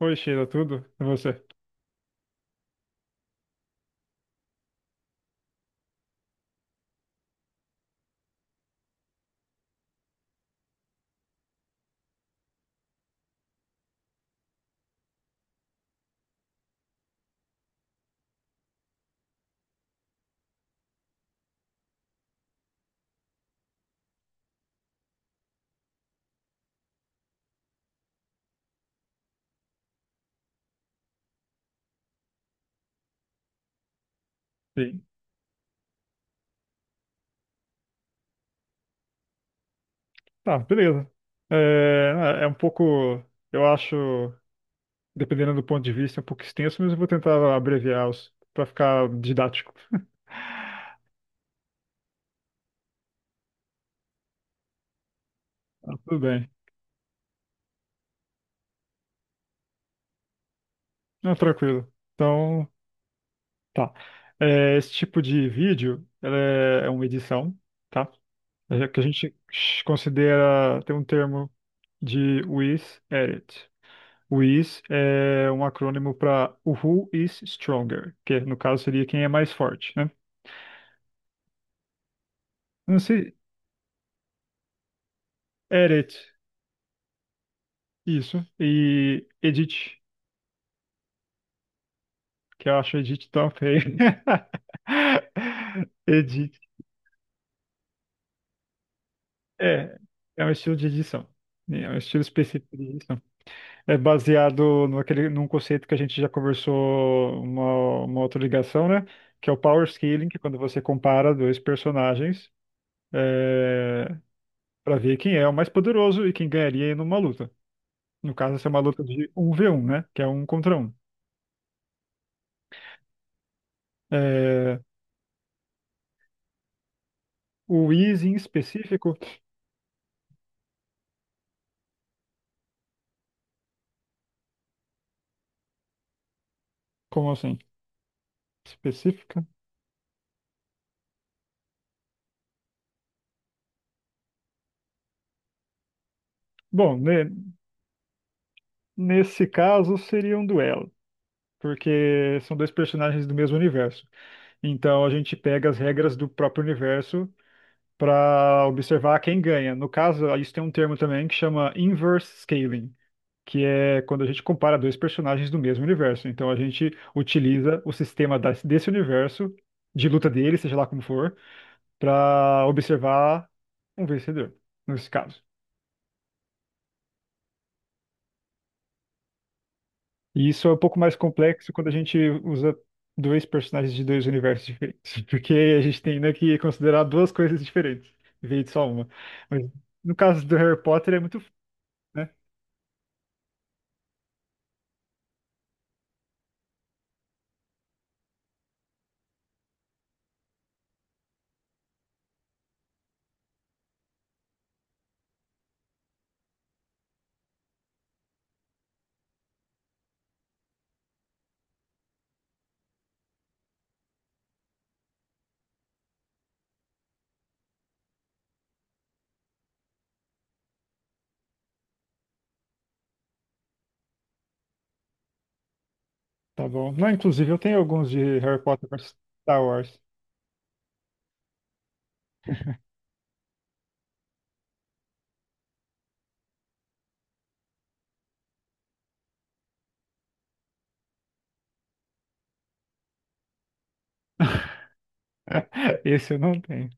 Oi, Sheila, tudo? E você? Sim. Tá, beleza. É um pouco, eu acho, dependendo do ponto de vista, um pouco extenso, mas eu vou tentar abreviar os para ficar didático. Tá, tudo bem. Não, tranquilo. Então, tá. É, esse tipo de vídeo, ela é uma edição, tá? É que a gente considera, tem um termo de with edit. O is é um acrônimo para Who is Stronger, que no caso seria quem é mais forte, né? Não sei, Edit isso, e Edit, que eu acho Edit tão feio. Edit, é, é um estilo de edição, né? É um estilo específico de edição. É baseado num conceito que a gente já conversou uma outra ligação, né? Que é o power scaling, que é quando você compara dois personagens. É, para ver quem é o mais poderoso e quem ganharia em uma luta. No caso, essa é uma luta de 1v1, né? Que é um contra um. É, o Easy em específico, como assim? Específica? Bom, nesse caso seria um duelo, porque são dois personagens do mesmo universo. Então a gente pega as regras do próprio universo para observar quem ganha. No caso, isso tem um termo também que chama inverse scaling, que é quando a gente compara dois personagens do mesmo universo. Então a gente utiliza o sistema desse universo, de luta dele, seja lá como for, para observar um vencedor, nesse caso. E isso é um pouco mais complexo quando a gente usa dois personagens de dois universos diferentes, porque a gente tem, né, que considerar duas coisas diferentes, em vez de só uma. Mas no caso do Harry Potter é muito, né? Tá bom. Não, inclusive eu tenho alguns de Harry Potter versus Star Wars. Esse eu não tenho.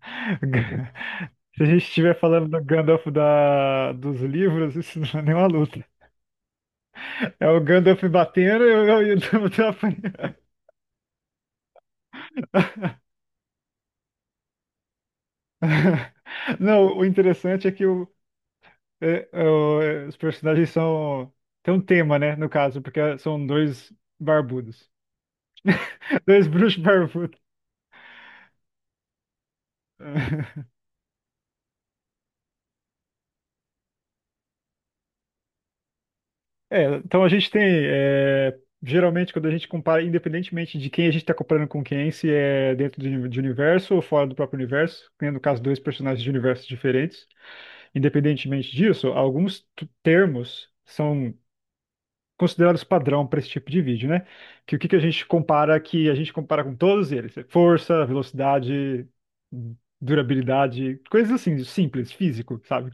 Ga- Se a gente estiver falando do Gandalf dos livros, isso não é nenhuma luta. É o Gandalf batendo e eu tô apanhando. Não, o interessante é que o, é, é o- é, os personagens são. Tem um tema, né? No caso, porque são dois barbudos. Dois bruxos barbudos. É, então a gente tem, é, geralmente quando a gente compara, independentemente de quem a gente está comparando com quem, se é dentro de universo ou fora do próprio universo, que no caso dois personagens de universos diferentes, independentemente disso, alguns termos são considerados padrão para esse tipo de vídeo, né? Que o que a gente compara, que a gente compara com todos eles, é força, velocidade, durabilidade, coisas assim, simples, físico, sabe?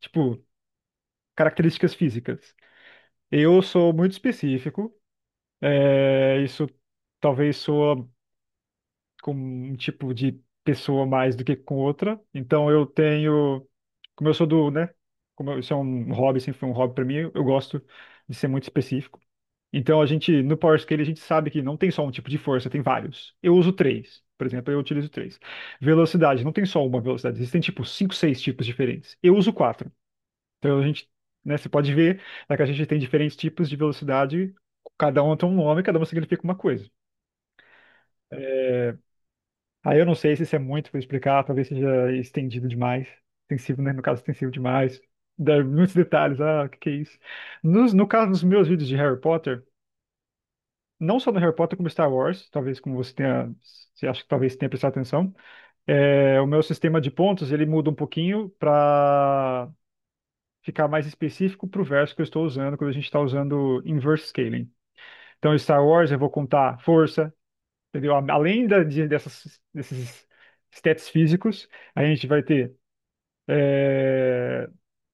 Tipo, características físicas. Eu sou muito específico, é, isso talvez soa com um tipo de pessoa mais do que com outra. Então eu tenho, como eu sou do, né? Isso é um hobby, sempre foi um hobby para mim, eu gosto de ser muito específico. Então a gente, no Power Scale, a gente sabe que não tem só um tipo de força, tem vários. Eu uso três, por exemplo, eu utilizo três. Velocidade, não tem só uma velocidade, existem tipo cinco, seis tipos diferentes. Eu uso quatro. Então a gente, né, você pode ver, né, que a gente tem diferentes tipos de velocidade, cada uma tem um nome, cada uma significa uma coisa. Aí eu não sei se isso é muito para explicar, talvez seja estendido demais, extensivo, né? No caso, extensivo demais. Dá muitos detalhes, ah, o que é isso? No caso dos meus vídeos de Harry Potter, não só do Harry Potter, como Star Wars, talvez como você tenha, você acha que talvez tenha prestado atenção, é, o meu sistema de pontos, ele muda um pouquinho para ficar mais específico para o verso que eu estou usando, quando a gente está usando inverse scaling. Então, em Star Wars, eu vou contar força, entendeu? Além dessas, desses stats físicos, a gente vai ter, é,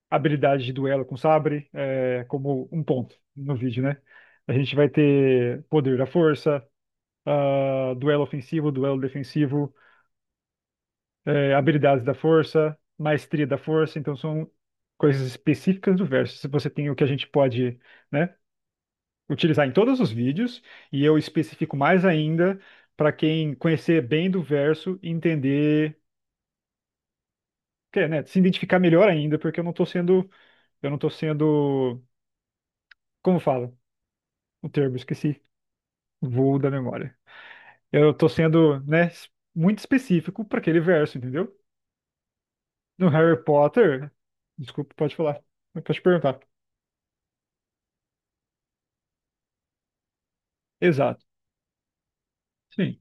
habilidade de duelo com sabre, é, como um ponto no vídeo, né? A gente vai ter poder da força, ah, duelo ofensivo, duelo defensivo, é, habilidades da força, maestria da força. Então, são coisas específicas do verso. Se você tem o que a gente pode, né, utilizar em todos os vídeos, e eu especifico mais ainda para quem conhecer bem do verso e entender, quer, né, se identificar melhor ainda, porque eu não estou sendo, como fala o termo, esqueci, voo da memória. Eu estou sendo, né, muito específico para aquele verso, entendeu? No Harry Potter, desculpa, pode falar, pode perguntar. Exato. Sim.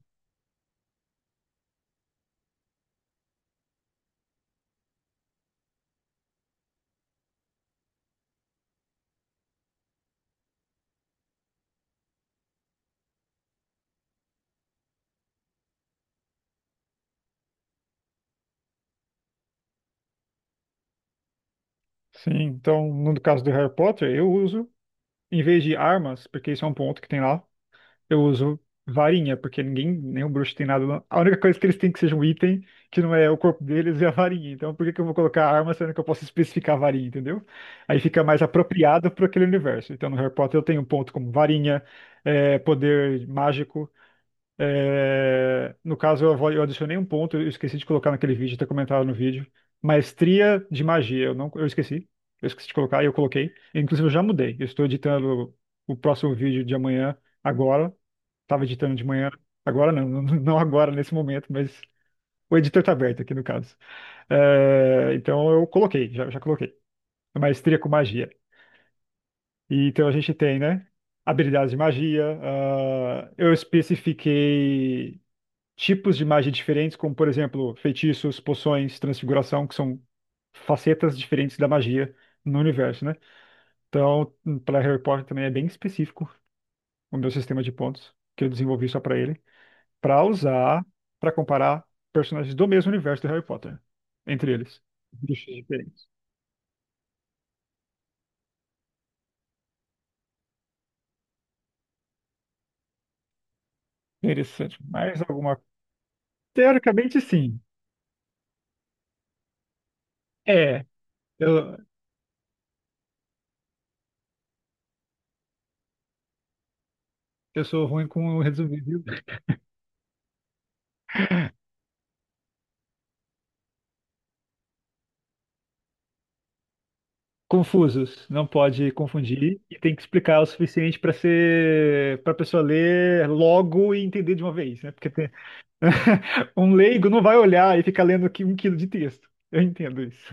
Sim, então no caso do Harry Potter, eu uso, em vez de armas, porque isso é um ponto que tem lá, eu uso varinha, porque ninguém, nenhum bruxo tem nada. Não. A única coisa que eles têm que seja um item, que não é o corpo deles, é a varinha. Então, por que que eu vou colocar arma sendo que eu posso especificar a varinha, entendeu? Aí fica mais apropriado para aquele universo. Então, no Harry Potter, eu tenho um ponto como varinha, é, poder mágico. É, no caso, eu adicionei um ponto, eu esqueci de colocar naquele vídeo, ter comentado no vídeo. Maestria de magia, eu não, eu esqueci. Eu esqueci de colocar e eu coloquei. Inclusive, eu já mudei. Eu estou editando o próximo vídeo de amanhã agora. Tava editando de manhã. Agora não, não agora nesse momento, mas o editor tá aberto aqui no caso. É, então eu coloquei, já coloquei. Maestria com magia. E, então a gente tem, né? Habilidades de magia. Ah, eu especifiquei tipos de magia diferentes, como por exemplo, feitiços, poções, transfiguração, que são facetas diferentes da magia no universo, né? Então, para Harry Potter também é bem específico o meu sistema de pontos, que eu desenvolvi só para ele. Para usar para comparar personagens do mesmo universo do Harry Potter entre eles. Bichos diferentes. Interessante. Mais alguma? Teoricamente, sim. É, eu, eu sou ruim com resumir, viu? Confusos. Não pode confundir e tem que explicar o suficiente para ser para pessoa ler logo e entender de uma vez, né? Um leigo não vai olhar e ficar lendo aqui um quilo de texto. Eu entendo isso.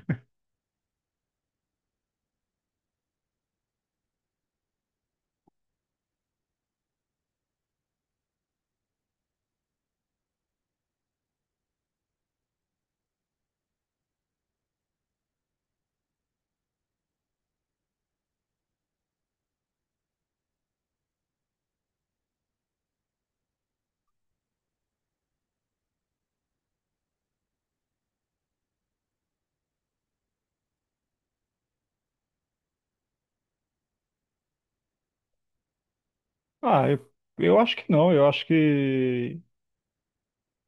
Ah, eu acho que não. Eu acho que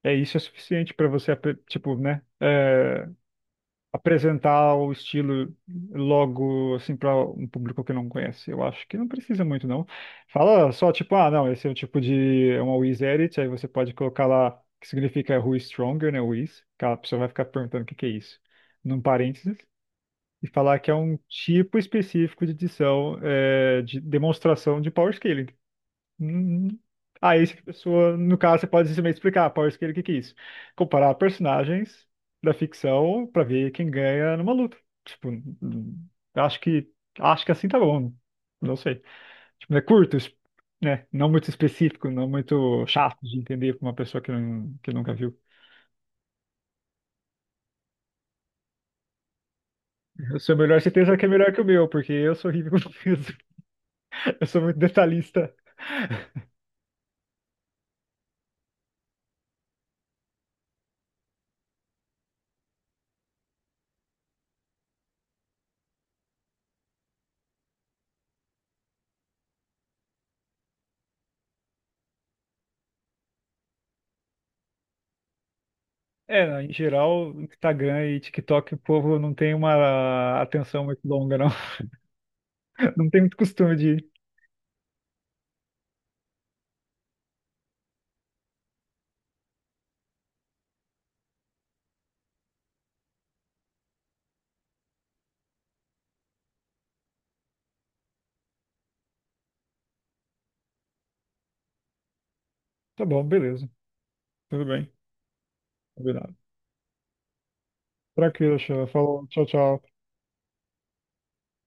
é, isso é suficiente para você, tipo, né, é, apresentar o estilo logo, assim, para um público que não conhece. Eu acho que não precisa muito, não. Fala só, tipo, ah, não, esse é o tipo de, é uma Wiz Edit, aí você pode colocar lá, que significa Who is Stronger, né, Wiz, que a pessoa vai ficar perguntando o que é isso, num parênteses, e falar que é um tipo específico de edição, é, de demonstração de Power Scaling. Hum, Aí, a pessoa, no caso, você pode simplesmente explicar, Power Scale, o que é isso? Comparar personagens da ficção pra ver quem ganha numa luta. Tipo, acho que acho que assim tá bom. Não sei. Tipo, é curto, né? Não muito específico, não muito chato de entender pra uma pessoa que nunca viu. O seu melhor certeza que é melhor que o meu, porque eu sou horrível com peso. Eu sou muito detalhista. É, em geral, Instagram e TikTok, o povo não tem uma atenção muito longa, não. Não tem muito costume de tá bom, beleza. Tudo bem. Combinado. Tranquilo, Sheila. Falou. Tchau, tchau.